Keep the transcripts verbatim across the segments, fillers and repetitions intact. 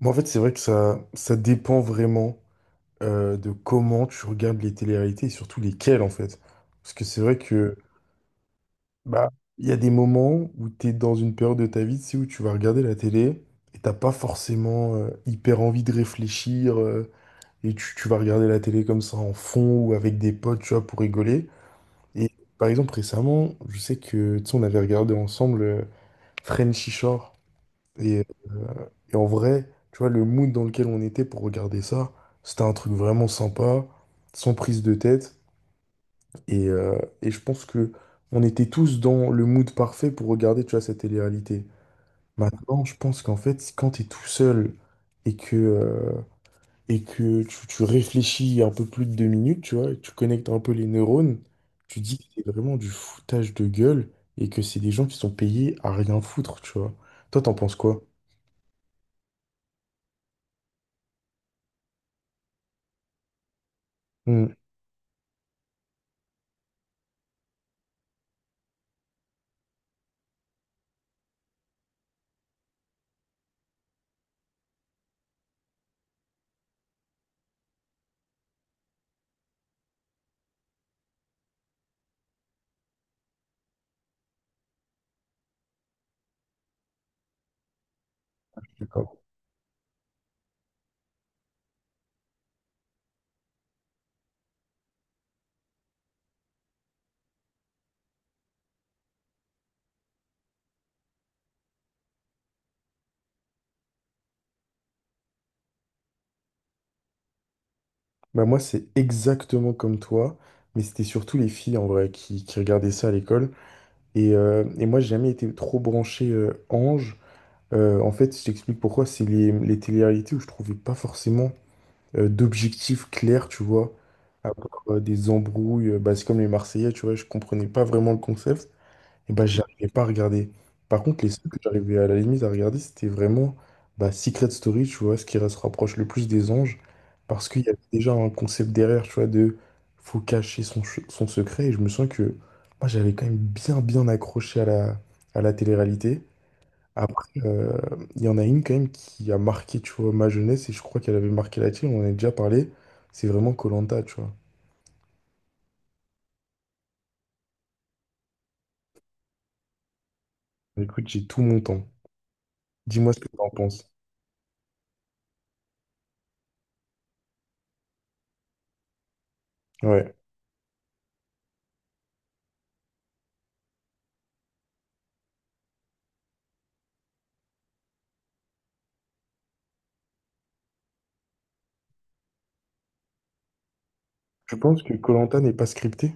Moi, en fait, c'est vrai que ça, ça dépend vraiment euh, de comment tu regardes les téléréalités et surtout lesquelles, en fait. Parce que c'est vrai que bah, il y a des moments où tu es dans une période de ta vie, tu sais, où tu vas regarder la télé et t'as pas forcément euh, hyper envie de réfléchir euh, et tu, tu vas regarder la télé comme ça en fond ou avec des potes, tu vois, pour rigoler. Et par exemple, récemment, je sais que, tu sais, on avait regardé ensemble euh, Frenchy Shore et euh, Et en vrai, tu vois, le mood dans lequel on était pour regarder ça, c'était un truc vraiment sympa, sans prise de tête. Et, euh, et je pense que on était tous dans le mood parfait pour regarder, tu vois, cette télé-réalité. Maintenant, je pense qu'en fait, quand t'es tout seul et que, euh, et que tu, tu réfléchis un peu plus de deux minutes, tu vois, et que tu connectes un peu les neurones, tu dis que c'est vraiment du foutage de gueule et que c'est des gens qui sont payés à rien foutre, tu vois. Toi, t'en penses quoi? Hmm. Bah moi, c'est exactement comme toi, mais c'était surtout les filles en vrai qui, qui regardaient ça à l'école. Et, euh, et moi, j'ai jamais été trop branché euh, ange. Euh, en fait, je t'explique pourquoi. C'est les, les télé-réalités où je trouvais pas forcément euh, d'objectifs clairs, tu vois. À part, euh, des embrouilles, euh, bah, c'est comme les Marseillais, tu vois, je comprenais pas vraiment le concept. Et bah, j'arrivais pas à regarder. Par contre, les seuls que j'arrivais à la limite à regarder, c'était vraiment bah, Secret Story, tu vois, ce qui se rapproche le plus des anges, parce qu'il y avait déjà un concept derrière, tu vois, de faut cacher son, ch- son secret. Et je me sens que moi, j'avais quand même bien, bien accroché à la, à la télé-réalité. Après, euh, il y en a une quand même qui a marqué, tu vois, ma jeunesse, et je crois qu'elle avait marqué la tienne, on en a déjà parlé, c'est vraiment koh tu vois. Écoute, j'ai tout mon temps. Dis-moi ce que tu en penses. Ouais. Je pense que koh n'est pas scripté.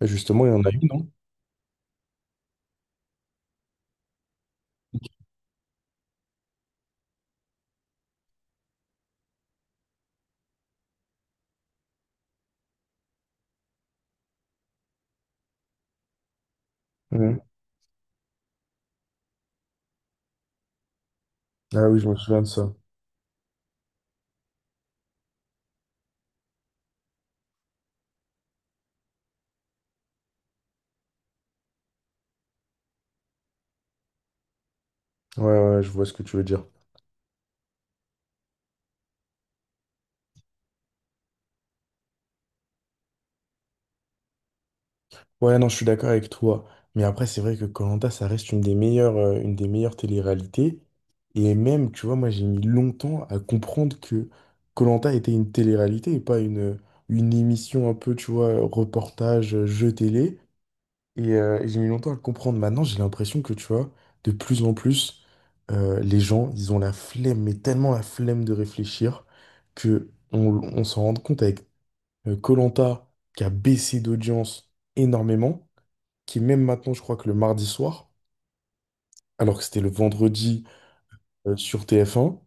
Et Justement, il y en a une, non? Mhm. Ah oui, je me souviens de ça. Ouais, ouais, je vois ce que tu veux dire. Ouais, non, je suis d'accord avec toi. Mais après, c'est vrai que koh ça reste une des meilleures, euh, une des meilleures télé-réalités. Et même, tu vois, moi, j'ai mis longtemps à comprendre que koh était une télé-réalité et pas une, une émission un peu, tu vois, reportage, euh, jeu télé. Et, euh, et j'ai mis longtemps à le comprendre. Maintenant, j'ai l'impression que, tu vois, de plus en plus, euh, les gens, ils ont la flemme, mais tellement la flemme de réfléchir, que on, on s'en rend compte avec Colanta qui a baissé d'audience énormément, qui est même maintenant, je crois que le mardi soir, alors que c'était le vendredi euh, sur T F un.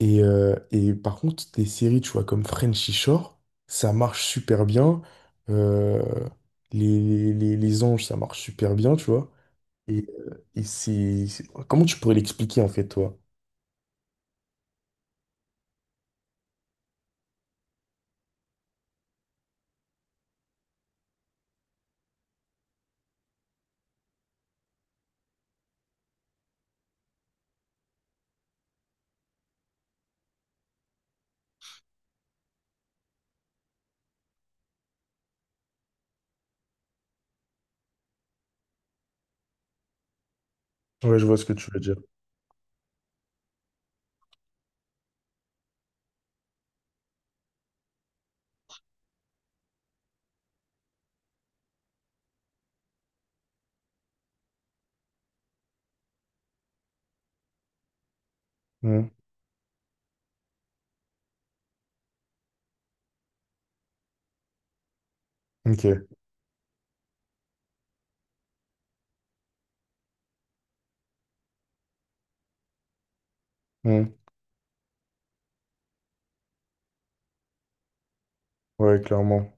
Et, euh, et par contre, des séries, tu vois, comme Frenchy Shore, ça marche super bien. Euh, les, les, les anges, ça marche super bien, tu vois. Et, euh, et c'est... c'est- Comment tu pourrais l'expliquer, en fait, toi? Ouais, je vois ce que tu veux dire. Hmm. Ok. Hmm. Ouais, clairement.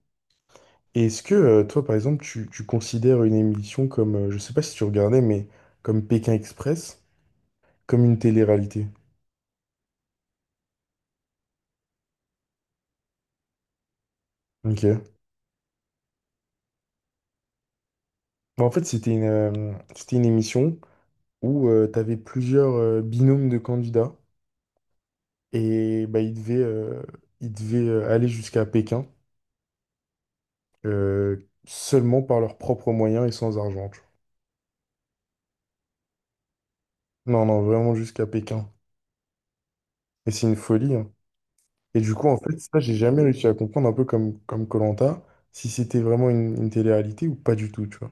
Et est-ce que, euh, toi, par exemple, tu, tu considères une émission comme... euh, je sais pas si tu regardais, mais comme Pékin Express, comme une télé-réalité? Ok. Bon, en fait, c'était une, euh, c'était une émission où tu avais plusieurs euh, binômes de candidats et bah, ils devaient, euh, ils devaient euh, aller jusqu'à Pékin euh, seulement par leurs propres moyens et sans argent. Non, non, vraiment jusqu'à Pékin. Et c'est une folie, hein. Et du coup, en fait, ça, j'ai jamais réussi à comprendre, un peu comme comme Koh-Lanta, si c'était vraiment une, une télé-réalité ou pas du tout, tu vois.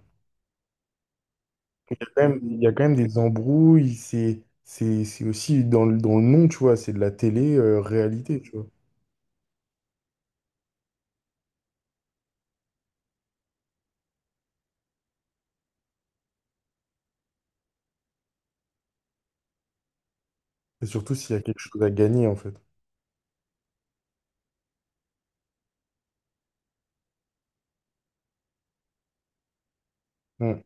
Il y a quand même, il y a quand même des embrouilles, c'est c'est c'est aussi dans le, dans le nom, tu vois, c'est de la télé-réalité, tu vois. Et surtout s'il y a quelque chose à gagner, en fait. Mm.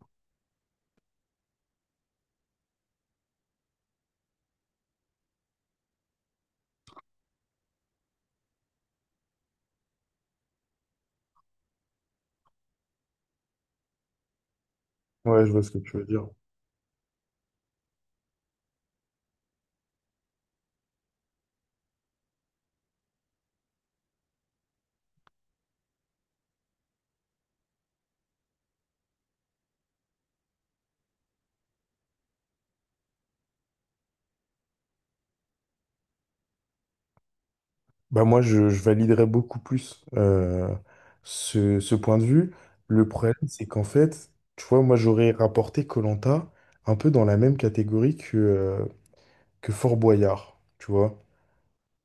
Ouais, je vois ce que tu veux dire. Bah moi, je, je validerais beaucoup plus euh, ce, ce point de vue. Le problème, c'est qu'en fait, tu vois, moi, j'aurais rapporté koh un peu dans la même catégorie que, euh, que Fort Boyard, tu vois.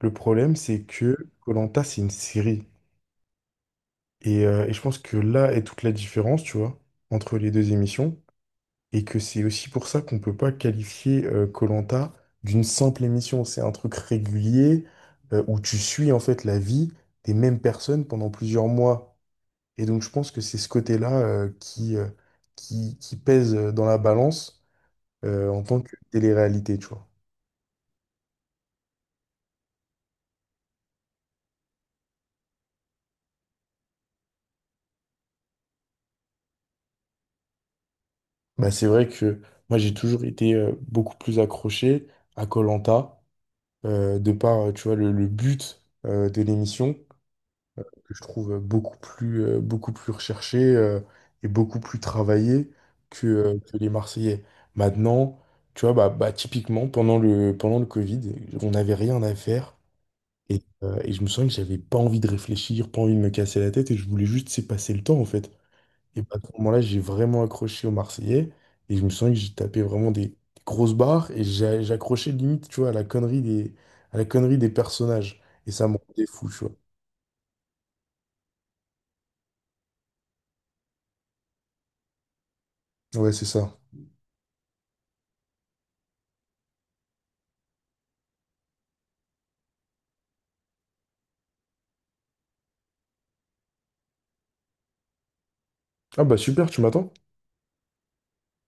Le problème, c'est que koh c'est une série. Et, euh, et je pense que là est toute la différence, tu vois, entre les deux émissions. Et que c'est aussi pour ça qu'on peut pas qualifier koh d'une simple émission. C'est un truc régulier euh, où tu suis en fait la vie des mêmes personnes pendant plusieurs mois. Et donc je pense que c'est ce côté-là euh, qui, euh, qui, qui pèse dans la balance euh, en tant que télé-réalité, tu vois. Bah, c'est vrai que moi j'ai toujours été euh, beaucoup plus accroché à koh de par, euh, tu vois, le, le but euh, de l'émission que je trouve euh, beaucoup plus, euh, beaucoup plus recherché euh, et beaucoup plus travaillé que, euh, que les Marseillais. Maintenant, tu vois, bah, bah, typiquement, pendant le, pendant le Covid, on n'avait rien à faire. Et, euh, et je me sens que j'avais pas envie de réfléchir, pas envie de me casser la tête, et je voulais juste laisser passer le temps, en fait. Et bah, à ce moment-là, j'ai vraiment accroché aux Marseillais, et je me sens que j'ai tapé vraiment des, des grosses barres, et j'a- j'accrochais limite, tu vois, à la connerie des, à la connerie des personnages. Et ça me rendait fou, tu vois. Ouais, c'est ça. Ah bah super, tu m'attends?